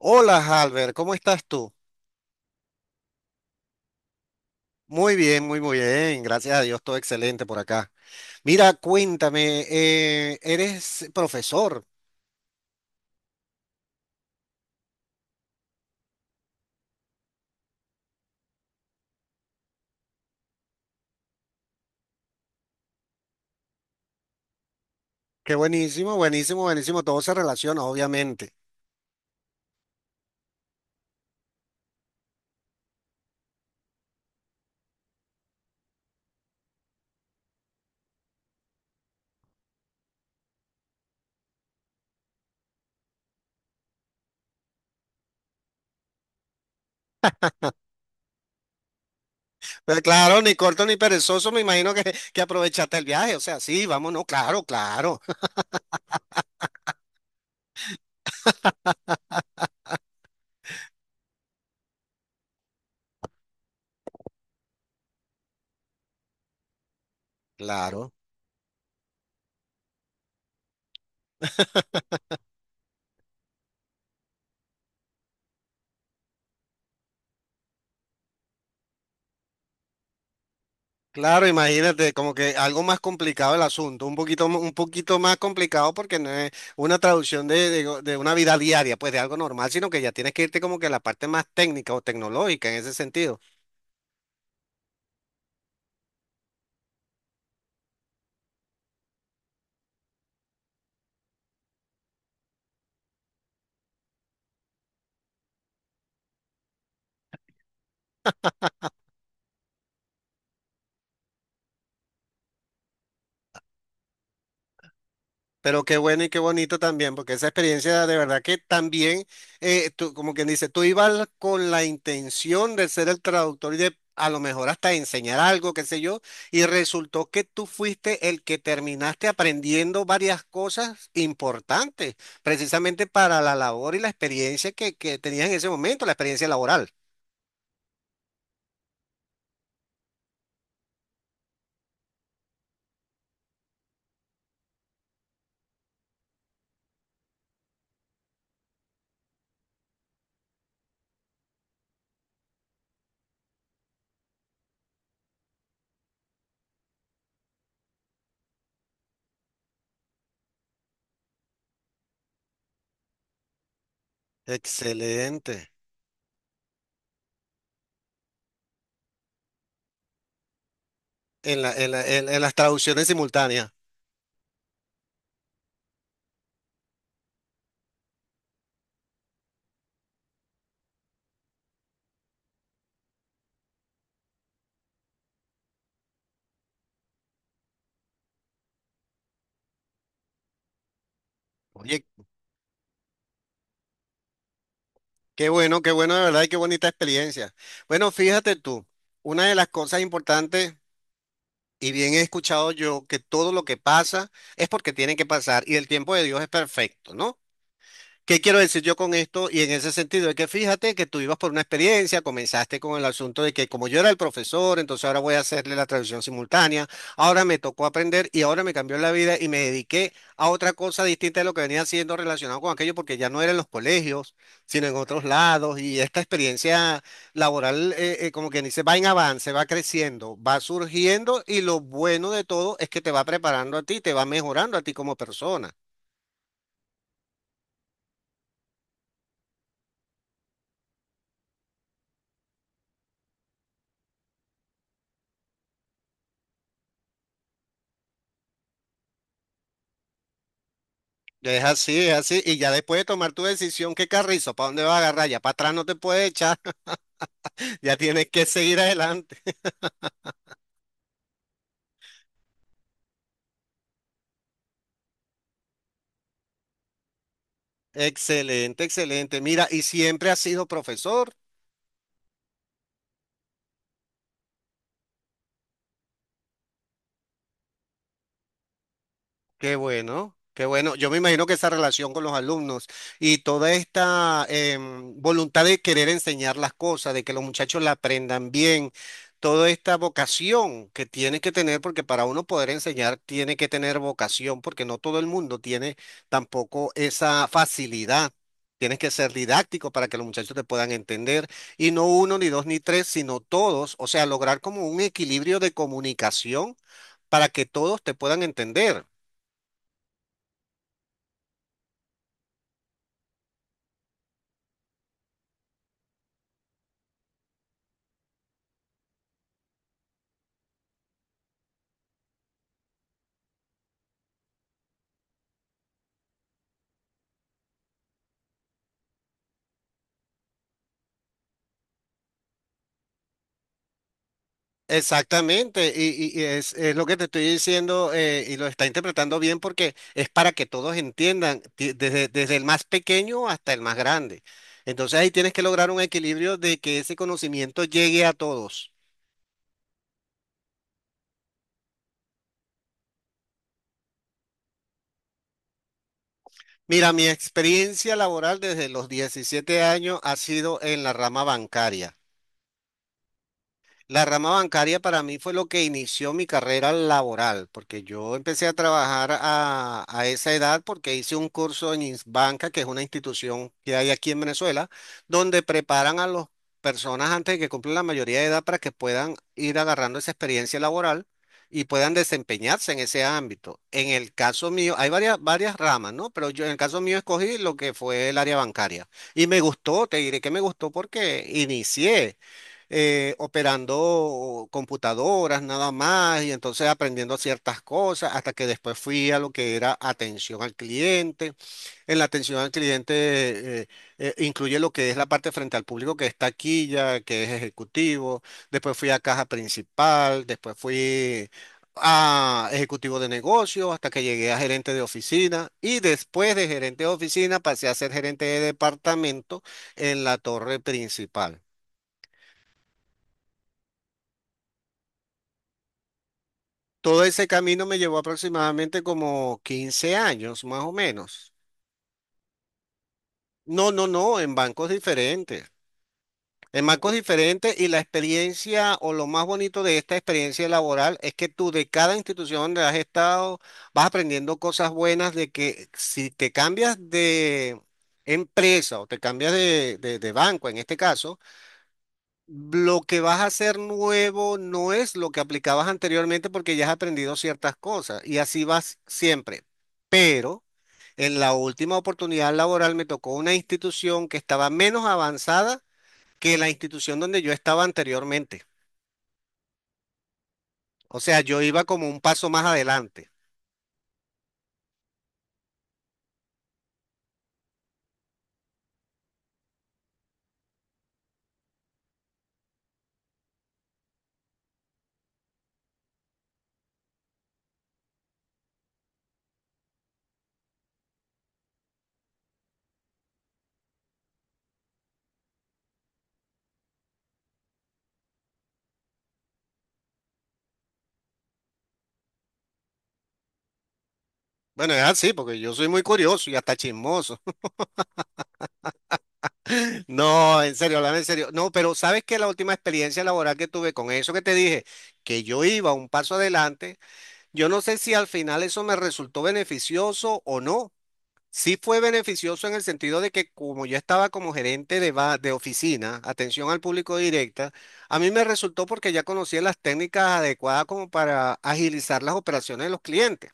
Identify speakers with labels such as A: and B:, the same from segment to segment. A: Hola, Halber, ¿cómo estás tú? Muy bien, muy bien. Gracias a Dios, todo excelente por acá. Mira, cuéntame, eres profesor. Qué buenísimo, buenísimo, buenísimo. Todo se relaciona, obviamente. Pero claro, ni corto ni perezoso, me imagino que aprovechaste el viaje. O sea, sí, vámonos, claro, claro, claro. Claro, imagínate, como que algo más complicado el asunto, un poquito, un poquito más complicado porque no es una traducción de de una vida diaria, pues de algo normal, sino que ya tienes que irte como que a la parte más técnica o tecnológica en ese sentido. Pero qué bueno y qué bonito también, porque esa experiencia de verdad que también, tú, como quien dice, tú ibas con la intención de ser el traductor y de a lo mejor hasta enseñar algo, qué sé yo, y resultó que tú fuiste el que terminaste aprendiendo varias cosas importantes, precisamente para la labor y la experiencia que tenías en ese momento, la experiencia laboral. Excelente. En las traducciones simultáneas. Oye, qué bueno, qué bueno, de verdad, y qué bonita experiencia. Bueno, fíjate tú, una de las cosas importantes, y bien he escuchado yo, que todo lo que pasa es porque tiene que pasar y el tiempo de Dios es perfecto, ¿no? ¿Qué quiero decir yo con esto? Y en ese sentido, es que fíjate que tú ibas por una experiencia, comenzaste con el asunto de que como yo era el profesor, entonces ahora voy a hacerle la traducción simultánea, ahora me tocó aprender y ahora me cambió la vida y me dediqué a otra cosa distinta de lo que venía haciendo relacionado con aquello, porque ya no era en los colegios, sino en otros lados y esta experiencia laboral, como quien dice, va en avance, va creciendo, va surgiendo y lo bueno de todo es que te va preparando a ti, te va mejorando a ti como persona. Es así, es así. Y ya después de tomar tu decisión, ¿qué carrizo? ¿Para dónde vas a agarrar? Ya para atrás no te puedes echar, ya tienes que seguir adelante. Excelente, excelente. Mira, y siempre has sido profesor. Qué bueno, qué bueno. Yo me imagino que esa relación con los alumnos y toda esta voluntad de querer enseñar las cosas, de que los muchachos la aprendan bien, toda esta vocación que tiene que tener, porque para uno poder enseñar tiene que tener vocación, porque no todo el mundo tiene tampoco esa facilidad. Tienes que ser didáctico para que los muchachos te puedan entender, y no uno, ni dos, ni tres, sino todos, o sea, lograr como un equilibrio de comunicación para que todos te puedan entender. Exactamente, y es lo que te estoy diciendo y lo está interpretando bien porque es para que todos entiendan, desde, desde el más pequeño hasta el más grande. Entonces ahí tienes que lograr un equilibrio de que ese conocimiento llegue a todos. Mira, mi experiencia laboral desde los 17 años ha sido en la rama bancaria. La rama bancaria para mí fue lo que inició mi carrera laboral, porque yo empecé a trabajar a esa edad porque hice un curso en Insbanca, que es una institución que hay aquí en Venezuela, donde preparan a las personas antes de que cumplan la mayoría de edad para que puedan ir agarrando esa experiencia laboral y puedan desempeñarse en ese ámbito. En el caso mío, hay varias ramas, ¿no? Pero yo en el caso mío escogí lo que fue el área bancaria. Y me gustó, te diré que me gustó porque inicié operando computadoras nada más y entonces aprendiendo ciertas cosas hasta que después fui a lo que era atención al cliente. En la atención al cliente incluye lo que es la parte frente al público que es taquilla, que es ejecutivo. Después fui a caja principal, después fui a ejecutivo de negocio hasta que llegué a gerente de oficina y después de gerente de oficina pasé a ser gerente de departamento en la torre principal. Todo ese camino me llevó aproximadamente como 15 años, más o menos. No, no, no, en bancos diferentes. En bancos diferentes y la experiencia o lo más bonito de esta experiencia laboral es que tú de cada institución donde has estado vas aprendiendo cosas buenas de que si te cambias de empresa o te cambias de, de banco en este caso, lo que vas a hacer nuevo no es lo que aplicabas anteriormente porque ya has aprendido ciertas cosas y así vas siempre. Pero en la última oportunidad laboral me tocó una institución que estaba menos avanzada que la institución donde yo estaba anteriormente. O sea, yo iba como un paso más adelante. Bueno, es así, porque yo soy muy curioso y hasta chismoso. No, en serio, hablame en serio. No, pero sabes que la última experiencia laboral que tuve con eso que te dije, que yo iba un paso adelante. Yo no sé si al final eso me resultó beneficioso o no. Sí fue beneficioso en el sentido de que como yo estaba como gerente de oficina, atención al público directa, a mí me resultó porque ya conocía las técnicas adecuadas como para agilizar las operaciones de los clientes,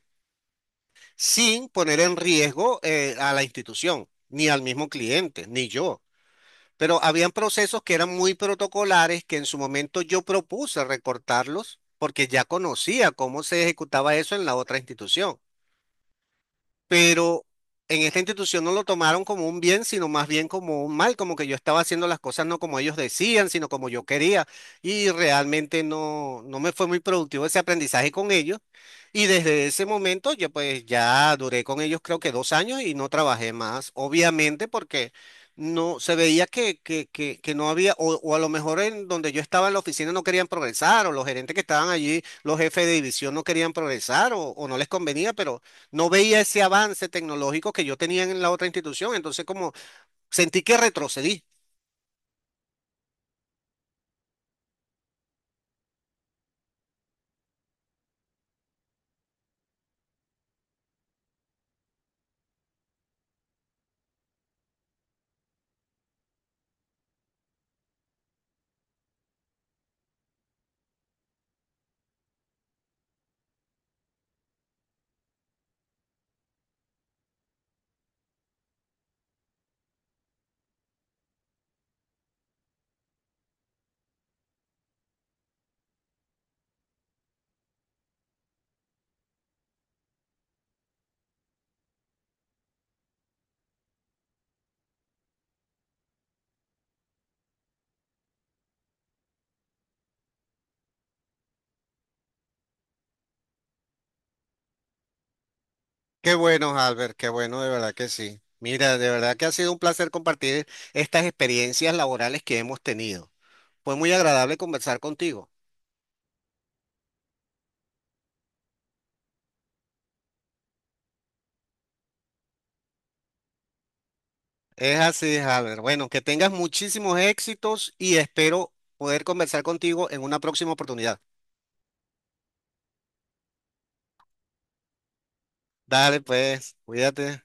A: sin poner en riesgo a la institución, ni al mismo cliente, ni yo. Pero habían procesos que eran muy protocolares que en su momento yo propuse recortarlos porque ya conocía cómo se ejecutaba eso en la otra institución, pero en esta institución no lo tomaron como un bien, sino más bien como un mal, como que yo estaba haciendo las cosas no como ellos decían, sino como yo quería, y realmente no me fue muy productivo ese aprendizaje con ellos, y desde ese momento yo pues ya duré con ellos creo que 2 años y no trabajé más, obviamente porque... No, se veía que no había, o a lo mejor en donde yo estaba en la oficina no querían progresar, o los gerentes que estaban allí, los jefes de división no querían progresar, o no les convenía, pero no veía ese avance tecnológico que yo tenía en la otra institución, entonces como sentí que retrocedí. Qué bueno, Albert, qué bueno, de verdad que sí. Mira, de verdad que ha sido un placer compartir estas experiencias laborales que hemos tenido. Fue muy agradable conversar contigo. Es así, Albert. Bueno, que tengas muchísimos éxitos y espero poder conversar contigo en una próxima oportunidad. Dale, pues, cuídate.